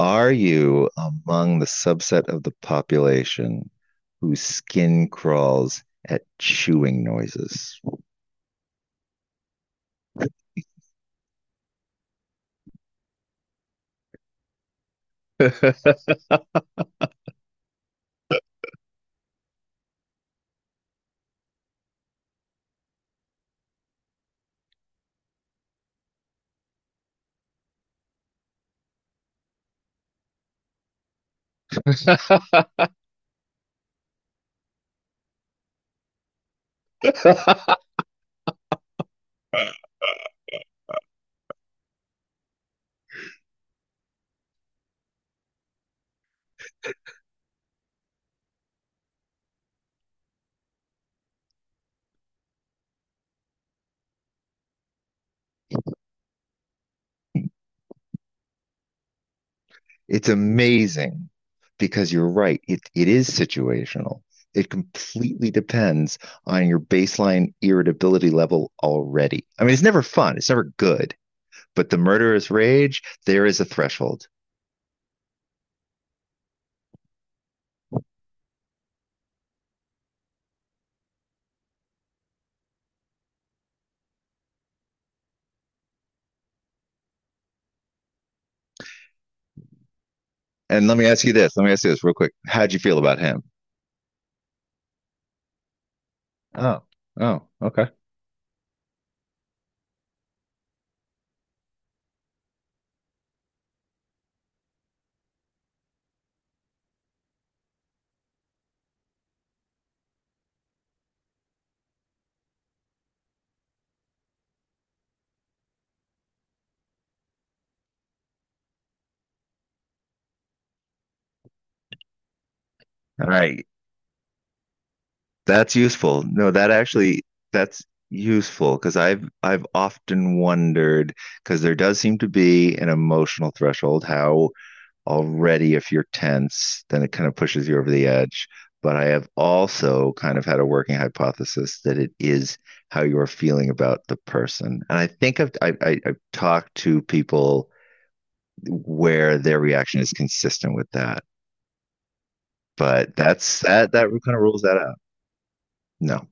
Are you among the subset of the population whose skin crawls at chewing noises? It's amazing because you're right. It is situational. It completely depends on your baseline irritability level already. I mean, it's never fun, it's never good, but the murderous rage, there is a threshold. And let me ask you this. Let me ask you this real quick. How'd you feel about him? Oh, oh, okay. All right. That's useful. No, that's useful because I've often wondered because there does seem to be an emotional threshold how already if you're tense, then it kind of pushes you over the edge. But I have also kind of had a working hypothesis that it is how you're feeling about the person. And I think I've talked to people where their reaction is consistent with that. But that kind of rules that out. No.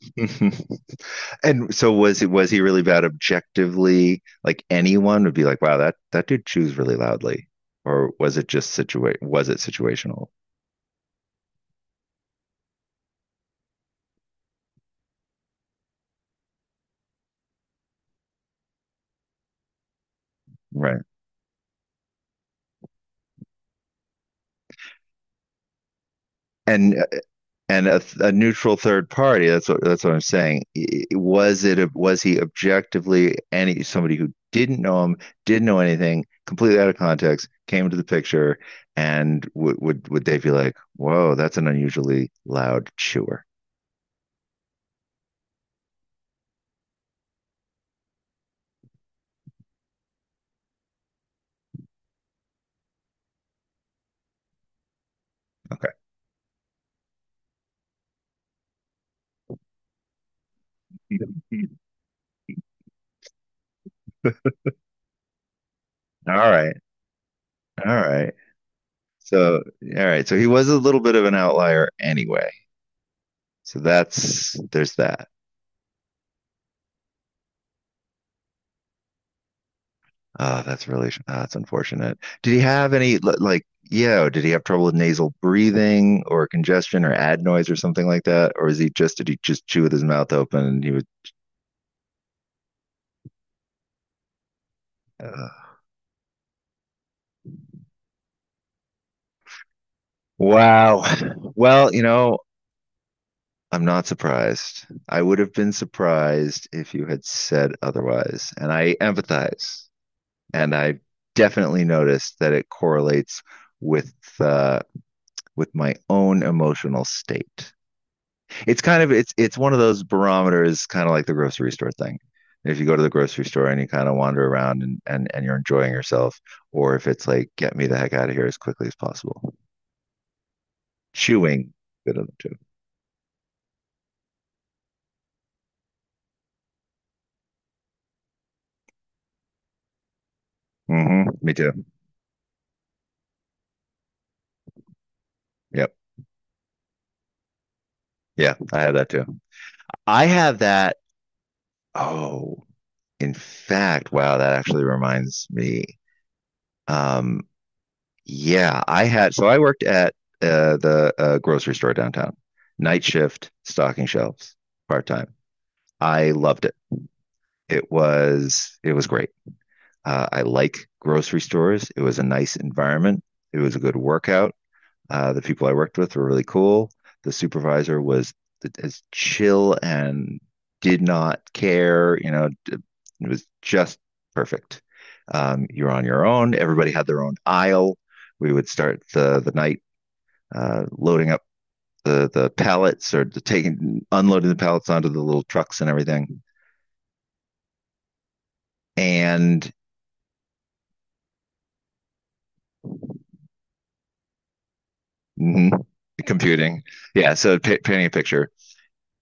Mhm. And so was it was he really bad objectively? Like anyone would be like, wow, that dude chews really loudly. Or was it situational? Right. And and a neutral third party, that's what I'm saying. Was he objectively any somebody who didn't know him, didn't know anything, completely out of context, came into the picture, and would they be like, whoa, that's an unusually loud chewer. Okay. All right. All right. So, all right. So he was a little bit of an outlier anyway. So that's there's that. Ah, that's unfortunate. Did he have like, yeah, did he have trouble with nasal breathing or congestion or adenoids or something like that? Or is he just did he just chew with his mouth open and he would. uh, wow. Well, I'm not surprised. I would have been surprised if you had said otherwise, and I empathize. And I definitely noticed that it correlates with uh, with my own emotional state. It's one of those barometers, kind of like the grocery store thing. If you go to the grocery store and you kind of wander around and you're enjoying yourself, or if it's like get me the heck out of here as quickly as possible. Chewing, good of them too. Mm-hmm. Me too. Yep. Yeah, I have that too. I have that. Oh, in fact, wow, that actually reminds me. Um, Yeah, I had so I worked at the grocery store downtown, night shift, stocking shelves, part time. I loved it. It was great. I like grocery stores. It was a nice environment. It was a good workout. The people I worked with were really cool. The supervisor was as chill and did not care. It was just perfect. You're on your own. Everybody had their own aisle. We would start the night, loading up the pallets or the taking unloading the pallets onto the little trucks and everything, and mhm, computing. Yeah, so pa painting a picture.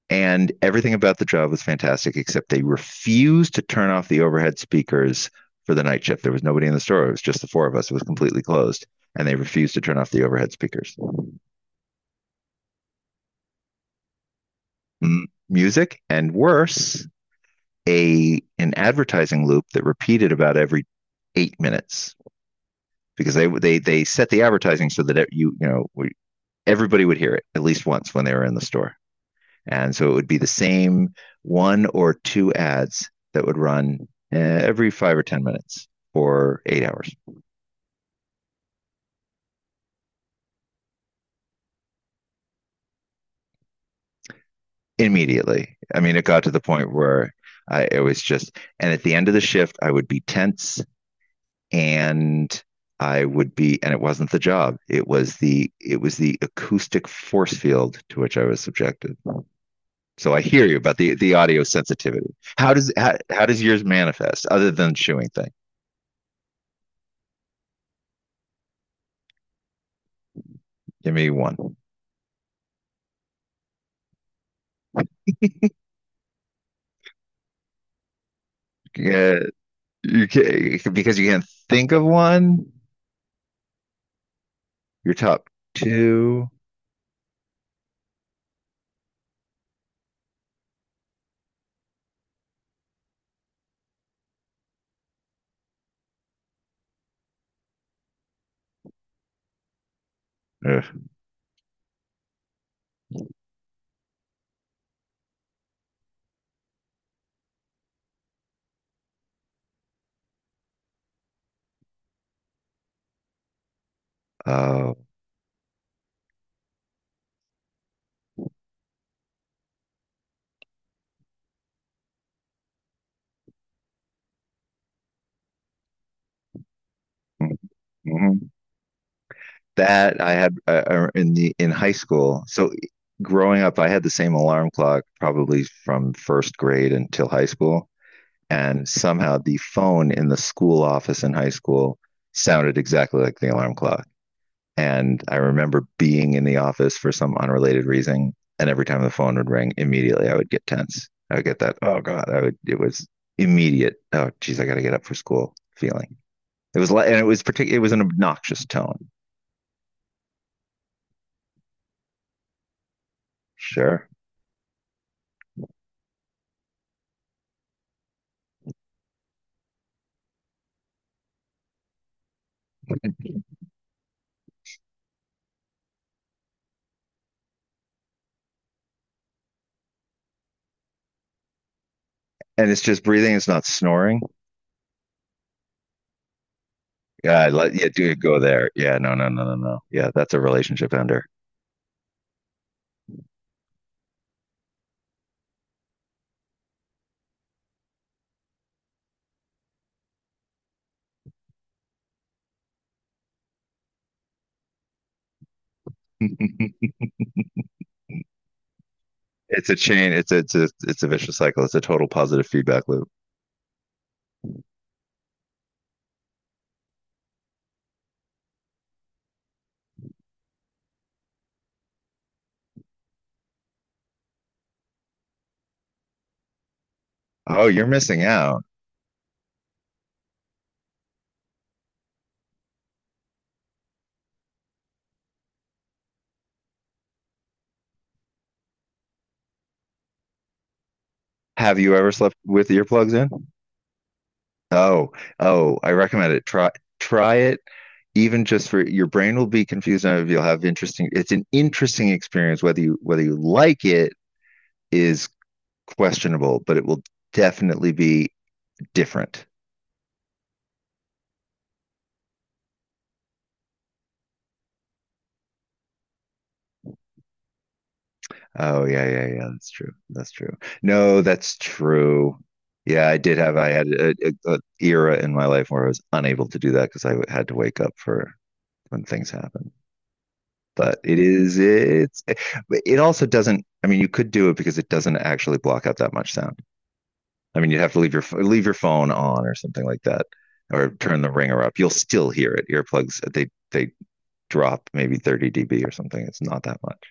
And everything about the job was fantastic, except they refused to turn off the overhead speakers for the night shift. There was nobody in the store. It was just the four of us. It was completely closed. And they refused to turn off the overhead speakers. Music, and worse, a an advertising loop that repeated about every 8 minutes, because they set the advertising so that everybody would hear it at least once when they were in the store, and so it would be the same one or two ads that would run every 5 or 10 minutes for 8 hours. Immediately. I mean, it got to the point where I it was just, and at the end of the shift, I would be tense. And I would be, and it wasn't the job. It was the acoustic force field to which I was subjected. So I hear you about the audio sensitivity. How does yours manifest other than the chewing thing? Give me one. Yeah, you can, because you can't think of one. Your top two. Ugh. Oh, mhm. That I had, in the in high school. So growing up, I had the same alarm clock probably from first grade until high school, and somehow the phone in the school office in high school sounded exactly like the alarm clock. And I remember being in the office for some unrelated reason. And every time the phone would ring, immediately I would get tense. I would get that, oh God, it was immediate, oh geez, I got to get up for school feeling. It was like, and it was particular, it was an obnoxious tone. Sure. And it's just breathing. It's not snoring. Yeah. Yeah. Do it go there. Yeah. No, no, no, no, no. Yeah. That's a relationship ender. It's a chain. It's a vicious cycle. It's a total positive feedback loop. Oh, you're missing out. Have you ever slept with earplugs in? Oh, oh, I recommend it. Try it, even just for your brain will be confused and you'll have interesting it's an interesting experience whether you like it is questionable, but it will definitely be different. Oh yeah, yeah, yeah, that's true. That's true. No, that's true. Yeah, I did have I had a era in my life where I was unable to do that because I had to wake up for when things happened. But it is it's it also doesn't, I mean you could do it because it doesn't actually block out that much sound. I mean you'd have to leave your phone on or something like that, or turn the ringer up. You'll still hear it. Earplugs they drop maybe 30 dB or something. It's not that much.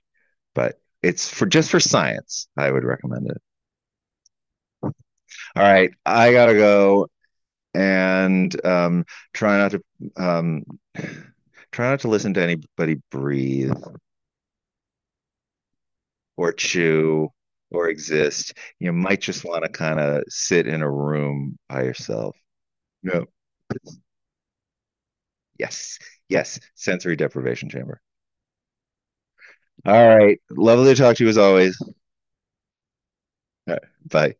But it's for just for science, I would recommend it. All right, I got to go and try not to um try not to listen to anybody breathe or chew or exist. You might just want to kind of sit in a room by yourself. No. Yes. Yes. Sensory deprivation chamber. All right. Lovely to talk to you as always. All right. Bye.